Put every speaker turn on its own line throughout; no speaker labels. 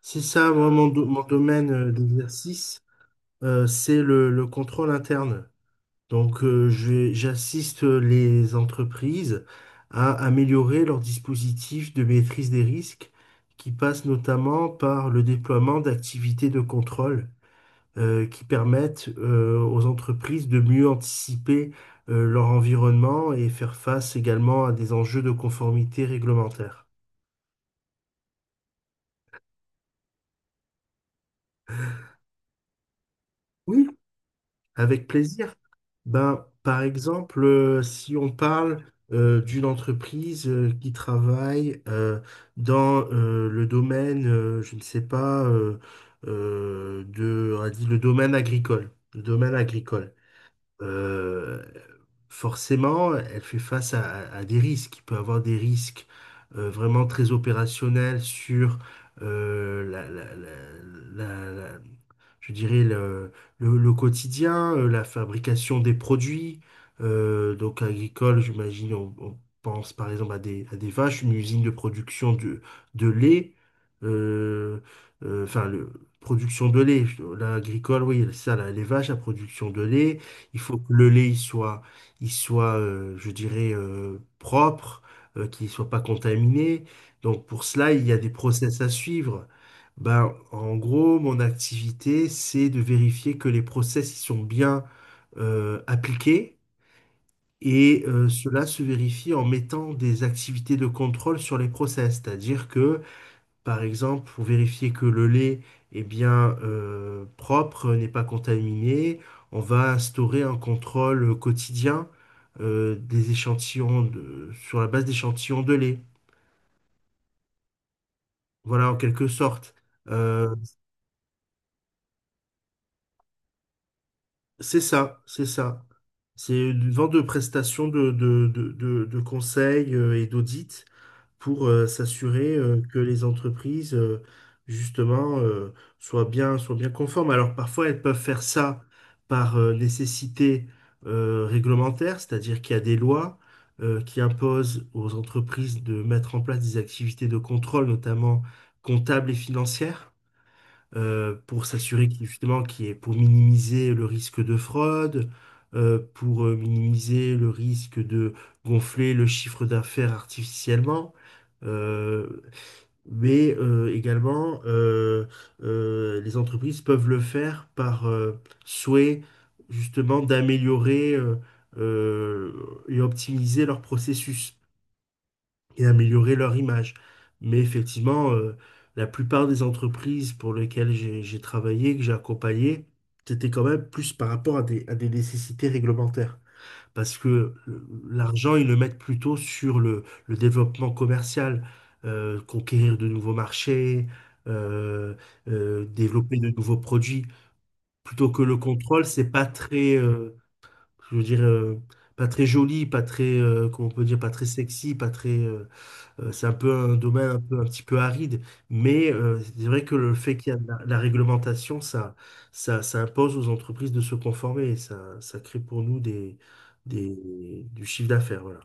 C'est ça. Moi, mon, mon domaine d'exercice, c'est le contrôle interne. Donc, j'assiste les entreprises à améliorer leur dispositif de maîtrise des risques, qui passe notamment par le déploiement d'activités de contrôle qui permettent aux entreprises de mieux anticiper leur environnement et faire face également à des enjeux de conformité réglementaire. Oui, avec plaisir. Ben, par exemple, si on parle d'une entreprise qui travaille dans le domaine, je ne sais pas, de, on a dit le domaine agricole. Le domaine agricole euh, forcément, elle fait face à, à des risques. Il peut avoir des risques vraiment très opérationnels sur la, la- la- je dirais le, le quotidien, la fabrication des produits. Donc agricole, j'imagine, on pense par exemple à des vaches, une usine de production de lait. euh, enfin, le, production de lait, l'agricole, oui, ça, là, les vaches, la production de lait, il faut que le lait il soit je dirais, propre, qu'il ne soit pas contaminé. Donc pour cela, il y a des process à suivre. Ben, en gros, mon activité, c'est de vérifier que les process ils sont bien appliqués. Et cela se vérifie en mettant des activités de contrôle sur les process, c'est-à-dire que par exemple, pour vérifier que le lait est bien propre, n'est pas contaminé, on va instaurer un contrôle quotidien des sur la base d'échantillons de lait. Voilà, en quelque sorte. Euh, C'est ça, c'est ça. C'est une vente de prestations de conseils et d'audits pour s'assurer que les entreprises, justement, soient bien conformes. Alors parfois, elles peuvent faire ça par nécessité réglementaire, c'est-à-dire qu'il y a des lois qui imposent aux entreprises de mettre en place des activités de contrôle, notamment comptables et financières pour s'assurer qu'il justement qu'il y ait- pour minimiser le risque de fraude, pour minimiser le risque de gonfler le chiffre d'affaires artificiellement. Euh, mais également, les entreprises peuvent le faire par souhait justement d'améliorer euh, et optimiser leur processus et améliorer leur image. Mais effectivement, la plupart des entreprises pour lesquelles j'ai travaillé, que j'ai accompagné, c'était quand même plus par rapport à des nécessités réglementaires. Parce que l'argent, ils le mettent plutôt sur le développement commercial, conquérir de nouveaux marchés, euh, développer de nouveaux produits, plutôt que le contrôle, c'est pas très, je veux dire, pas très joli, pas très, comment on peut dire, pas très sexy, pas très, c'est un peu un domaine un peu, un petit peu aride, mais c'est vrai que le fait qu'il y a de la, la réglementation, ça impose aux entreprises de se conformer. Ça crée pour nous des, du chiffre d'affaires. Voilà.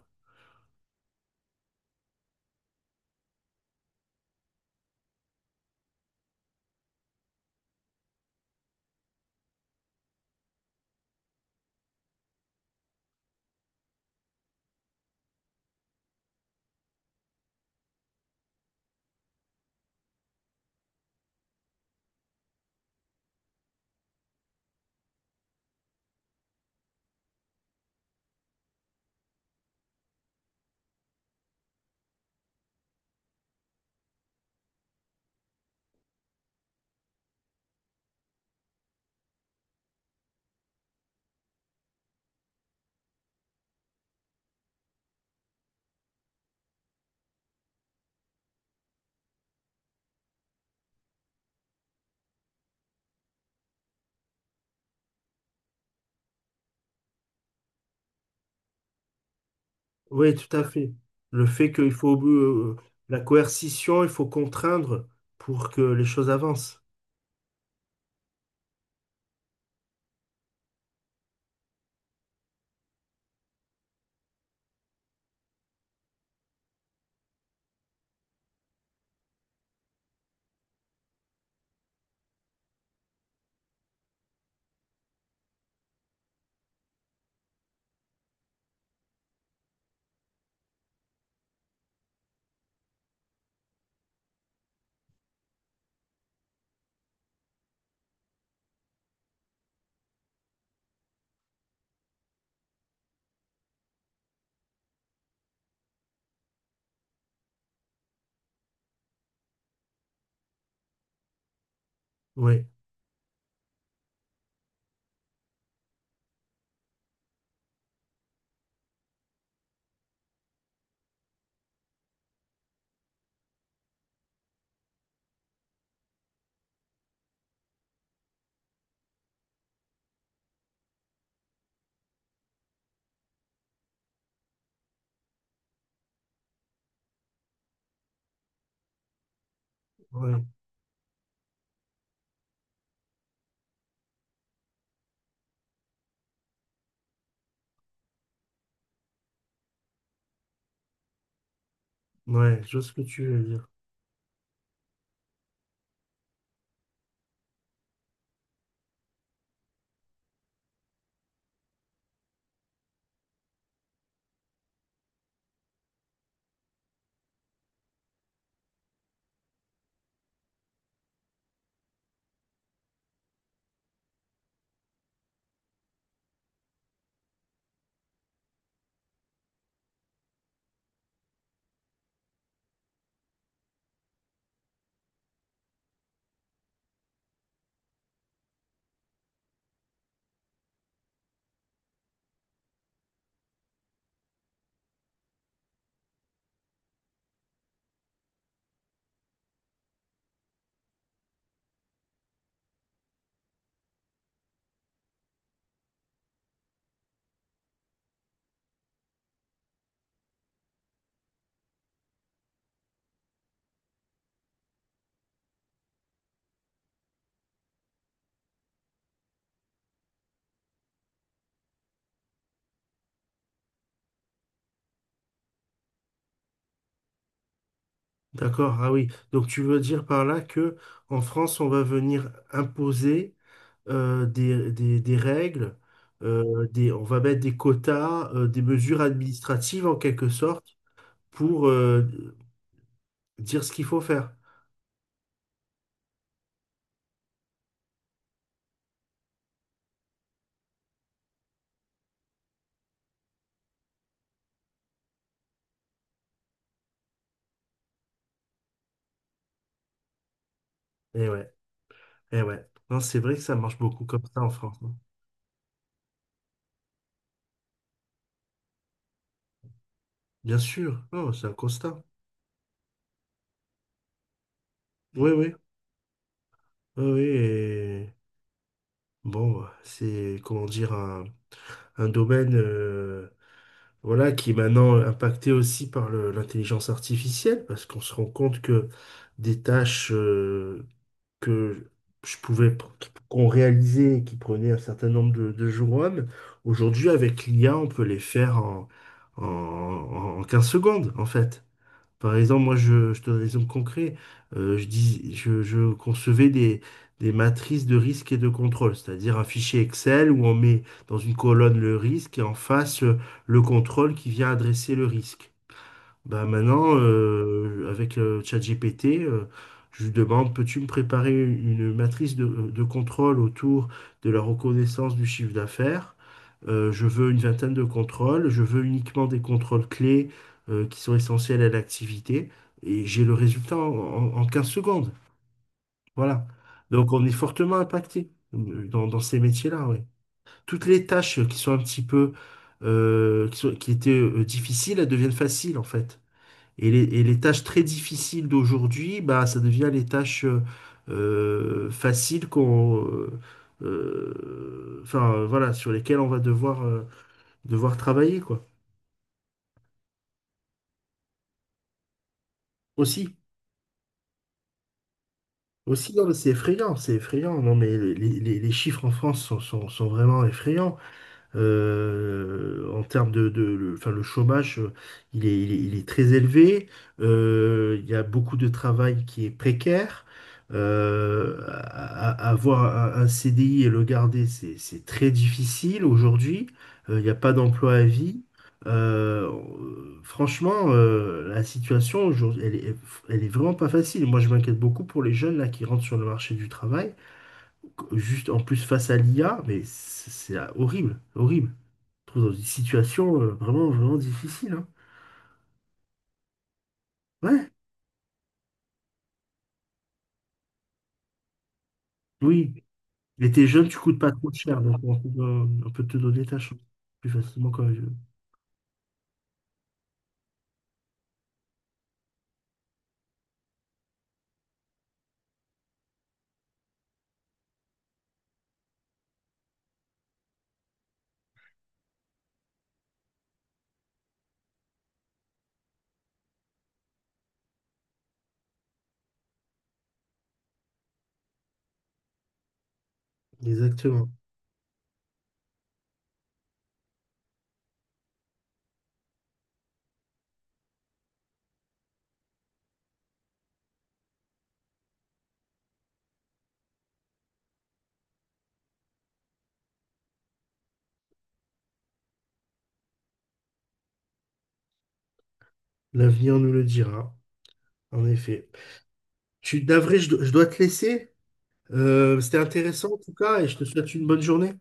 Oui, tout à fait. Le fait qu'il faut la coercition, il faut contraindre pour que les choses avancent. Oui, oui, ouais, je vois ce que tu veux dire. D'accord, ah oui. Donc tu veux dire par là que en France, on va venir imposer des, des règles, des, on va mettre des quotas, des mesures administratives en quelque sorte pour dire ce qu'il faut faire. Et ouais, et ouais. Non, c'est vrai que ça marche beaucoup comme ça en France, hein. Bien sûr, non, c'est un constat. Oui, oui, oui, oui. Et bon, c'est comment dire un domaine voilà, qui est maintenant impacté aussi par l'intelligence artificielle, parce qu'on se rend compte que des tâches que je pouvais qu'on réalisait et qui prenaient un certain nombre de jours hommes, aujourd'hui avec l'IA, on peut les faire en, en 15 secondes, en fait. Par exemple, moi, je te donne un exemple concret. Je concevais des matrices de risque et de contrôle, c'est-à-dire un fichier Excel où on met dans une colonne le risque et en face le contrôle qui vient adresser le risque. Bah maintenant, avec ChatGPT, je lui demande, peux-tu me préparer une matrice de contrôle autour de la reconnaissance du chiffre d'affaires? Je veux une vingtaine de contrôles, je veux uniquement des contrôles clés qui sont essentiels à l'activité, et j'ai le résultat en 15 secondes. Voilà. Donc on est fortement impacté dans, dans ces métiers-là, oui. Toutes les tâches qui sont un petit peu, qui étaient difficiles, elles deviennent faciles en fait. Et les tâches très difficiles d'aujourd'hui, bah, ça devient les tâches faciles enfin, voilà, sur lesquelles on va devoir, devoir travailler, quoi. Aussi, aussi, non, mais c'est effrayant, c'est effrayant. Non, mais les, les chiffres en France sont vraiment effrayants. En termes de, enfin, le chômage, il est très élevé. Il y a beaucoup de travail qui est précaire. Euh, a- Avoir un CDI et le garder, c'est très difficile aujourd'hui. Il n'y a pas d'emploi à vie. Euh, Franchement, la situation aujourd'hui, elle est vraiment pas facile. Moi, je m'inquiète beaucoup pour les jeunes là qui rentrent sur le marché du travail, juste en plus face à l'IA, mais c'est horrible, horrible trouve dans une situation vraiment, vraiment difficile, hein. Ouais, oui. Il t'es jeune, tu coûtes pas trop cher, donc on peut te donner ta chance plus facilement qu'un vieux. Exactement. L'avenir nous le dira, en effet. Tu suis, je dois te laisser. C'était intéressant en tout cas, et je te souhaite une bonne journée.